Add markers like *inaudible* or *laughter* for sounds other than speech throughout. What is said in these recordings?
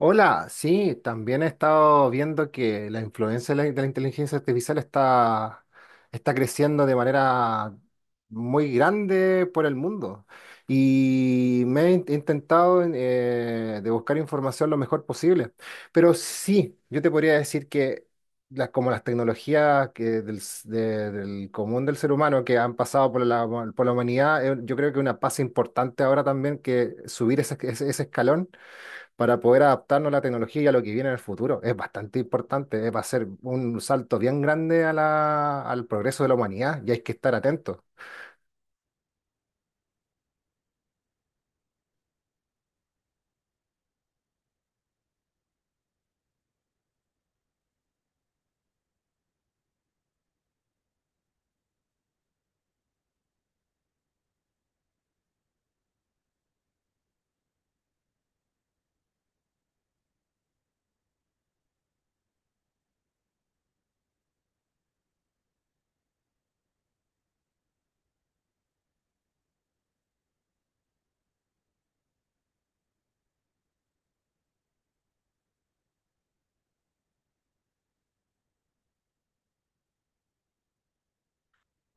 Hola, sí, también he estado viendo que la influencia de la inteligencia artificial está creciendo de manera muy grande por el mundo. Y me he intentado de buscar información lo mejor posible. Pero sí, yo te podría decir que como las tecnologías que del, s- de- del común del ser humano que han pasado por por la humanidad, yo creo que una pasa importante ahora también que subir ese escalón para poder adaptarnos a la tecnología y a lo que viene en el futuro. Es bastante importante, va a ser un salto bien grande a al progreso de la humanidad y hay que estar atentos.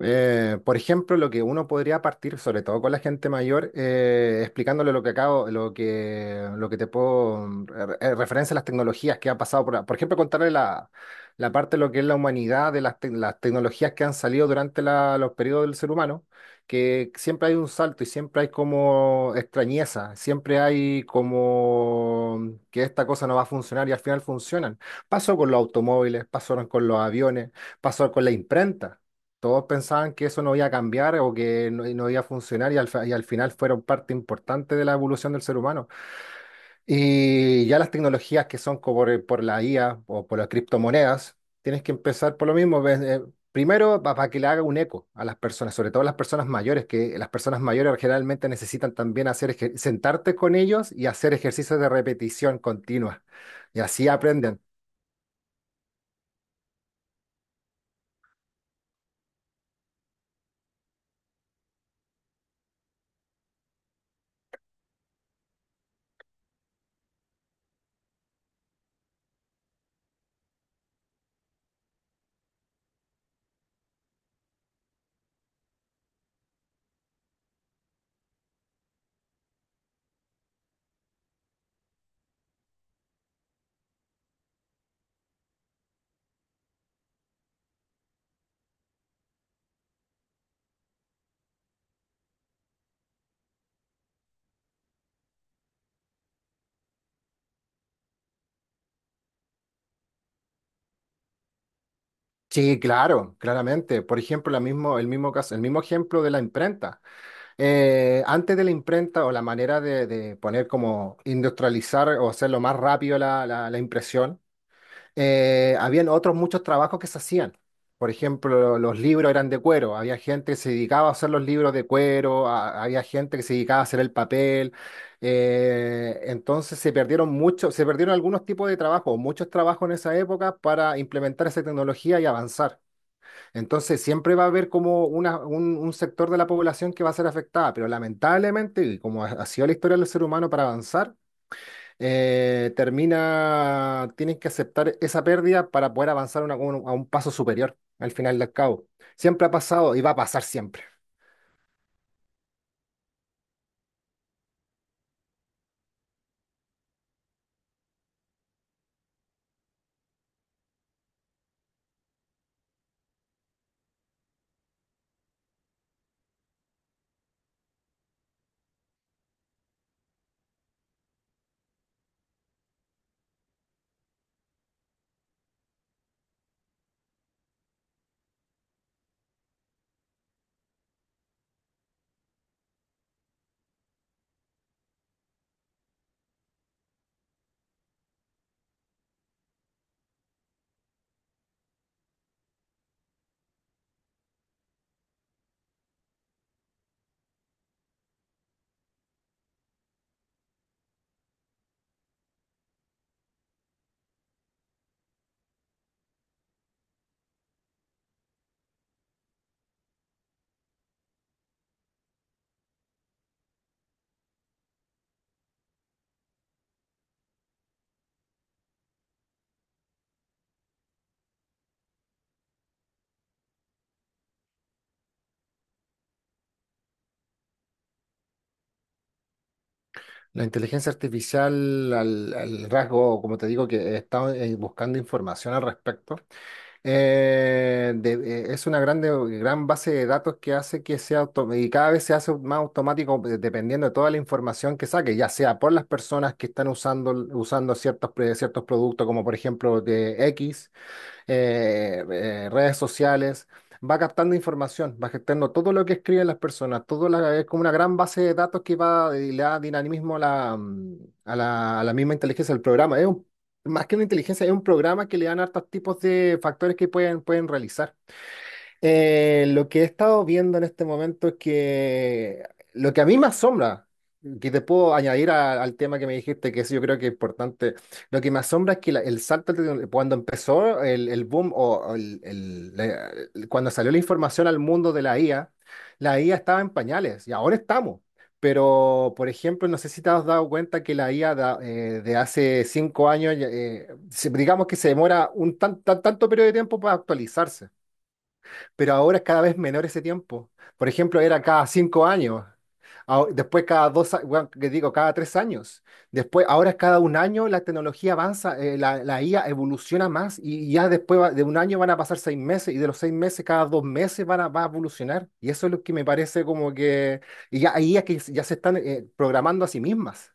Por ejemplo, lo que uno podría partir, sobre todo con la gente mayor, explicándole lo que acabo, lo que te puedo referencia a las tecnologías que ha pasado por ejemplo, contarle la parte de lo que es la humanidad, de las tecnologías que han salido durante los periodos del ser humano, que siempre hay un salto y siempre hay como extrañeza, siempre hay como que esta cosa no va a funcionar y al final funcionan. Pasó con los automóviles, pasaron con los aviones, pasó con la imprenta. Todos pensaban que eso no iba a cambiar o que no, no iba a funcionar y y al final fueron parte importante de la evolución del ser humano. Y ya las tecnologías que son como por la IA o por las criptomonedas, tienes que empezar por lo mismo. Ves, primero, para que le haga un eco a las personas, sobre todo a las personas mayores, que las personas mayores generalmente necesitan también hacer sentarte con ellos y hacer ejercicios de repetición continua. Y así aprenden. Sí, claro, claramente. Por ejemplo, el mismo caso, el mismo ejemplo de la imprenta. Antes de la imprenta o la manera de poner como industrializar o hacerlo más rápido la impresión, habían otros muchos trabajos que se hacían. Por ejemplo, los libros eran de cuero. Había gente que se dedicaba a hacer los libros de cuero, había gente que se dedicaba a hacer el papel. Entonces se perdieron muchos, se perdieron algunos tipos de trabajo, muchos trabajos en esa época para implementar esa tecnología y avanzar. Entonces siempre va a haber como un sector de la población que va a ser afectada, pero lamentablemente, y como ha sido la historia del ser humano para avanzar, tienen que aceptar esa pérdida para poder avanzar a un paso superior al final del cabo. Siempre ha pasado y va a pasar siempre. La inteligencia artificial, al rasgo, como te digo, que he buscando información al respecto, es una gran base de datos que hace que sea y cada vez se hace más automático dependiendo de toda la información que saque, ya sea por las personas que están usando ciertos productos, como por ejemplo de X redes sociales, va captando información, va captando todo lo que escriben las personas, es como una gran base de datos que va y le da dinamismo a la, mm, a la misma inteligencia del programa. Más que una inteligencia, es un programa que le dan hartos tipos de factores que pueden realizar. Lo que he estado viendo en este momento es que lo que a mí me asombra, que te puedo añadir al tema que me dijiste, que eso yo creo que es importante, lo que me asombra es que el salto, cuando empezó el boom o el- la- el- cuando salió la información al mundo de la IA, la IA estaba en pañales y ahora estamos. Pero, por ejemplo, no sé si te has dado cuenta que la IA de hace cinco años, ya, digamos que se demora tanto periodo de tiempo para actualizarse, pero ahora es cada vez menor ese tiempo. Por ejemplo, era cada cinco años, ah, después cada dos, bueno, que digo, cada tres años. Después, ahora es cada un año, la tecnología avanza, la IA evoluciona más y ya después de un año van a pasar seis meses y de los seis meses, cada dos meses va a evolucionar. Y eso es lo que me parece como que, y ya, ahí es que ya se están programando a sí mismas.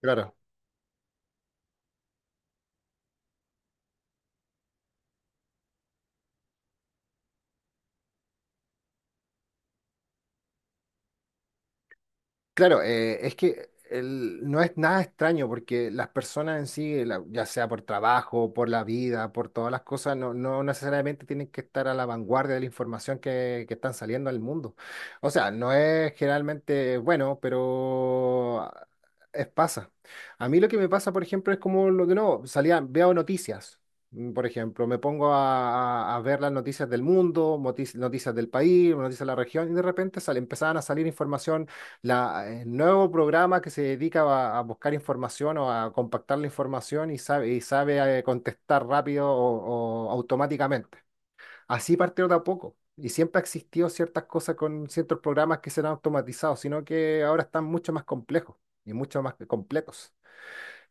Claro, Claro, es que no es nada extraño porque las personas en sí, ya sea por trabajo, por la vida, por todas las cosas, no, no necesariamente tienen que estar a la vanguardia de la información que están saliendo al mundo. O sea, no es generalmente bueno, pero es pasa. A mí lo que me pasa, por ejemplo, es como lo que no, salía, veo noticias. Por ejemplo, me pongo a, a ver las noticias del mundo, noticias del país, noticias de la región, y de repente sale, empezaban a salir información el nuevo programa que se dedica a buscar información o a compactar la información y y sabe contestar rápido o automáticamente. Así partió de a poco. Y siempre ha existido ciertas cosas con ciertos programas que serán automatizados, sino que ahora están mucho más complejos y mucho más completos.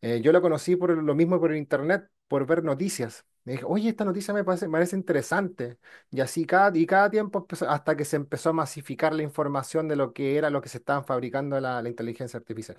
Yo lo conocí por lo mismo por el internet, por ver noticias. Me dije, oye, esta noticia me parece interesante. Y así y cada tiempo hasta que se empezó a masificar la información de lo que era lo que se estaban fabricando la inteligencia artificial.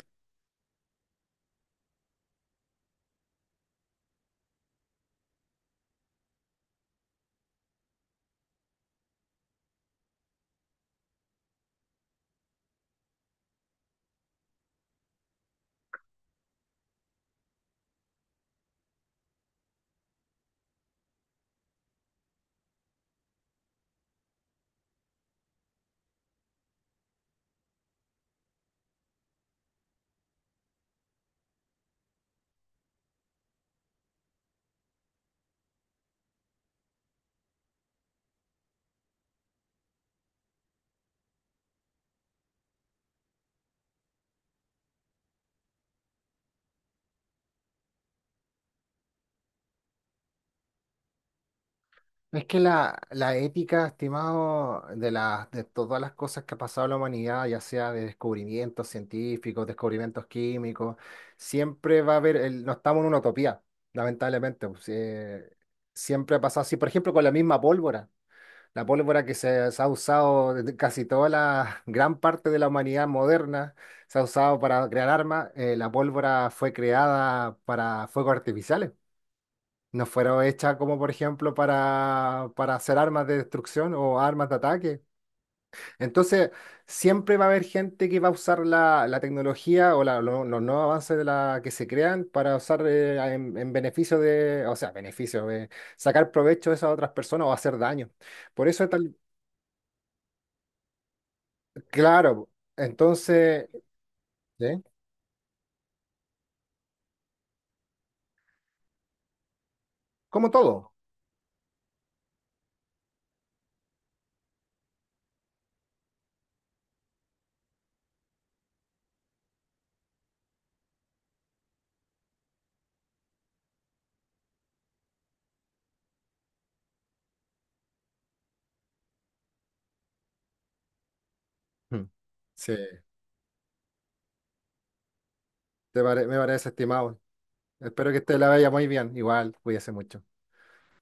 Es que la ética, estimado, de todas las cosas que ha pasado en la humanidad, ya sea de descubrimientos científicos, descubrimientos químicos, siempre va a haber, no estamos en una utopía, lamentablemente. Pues, siempre ha pasado así, por ejemplo, con la misma pólvora. La pólvora que se ha usado desde casi toda la *laughs* gran parte de la humanidad moderna, se ha usado para crear armas. La pólvora fue creada para fuegos artificiales. No fueron hechas como, por ejemplo, para hacer armas de destrucción o armas de ataque. Entonces, siempre va a haber gente que va a usar la tecnología o los nuevos avances de la que se crean para usar en beneficio de, o sea, beneficio, de sacar provecho de esas otras personas o hacer daño. Por eso tal, claro, entonces, ¿sí? Como todo. Mm. Sí, me parece estimado. Espero que te la vaya muy bien. Igual, cuídese mucho.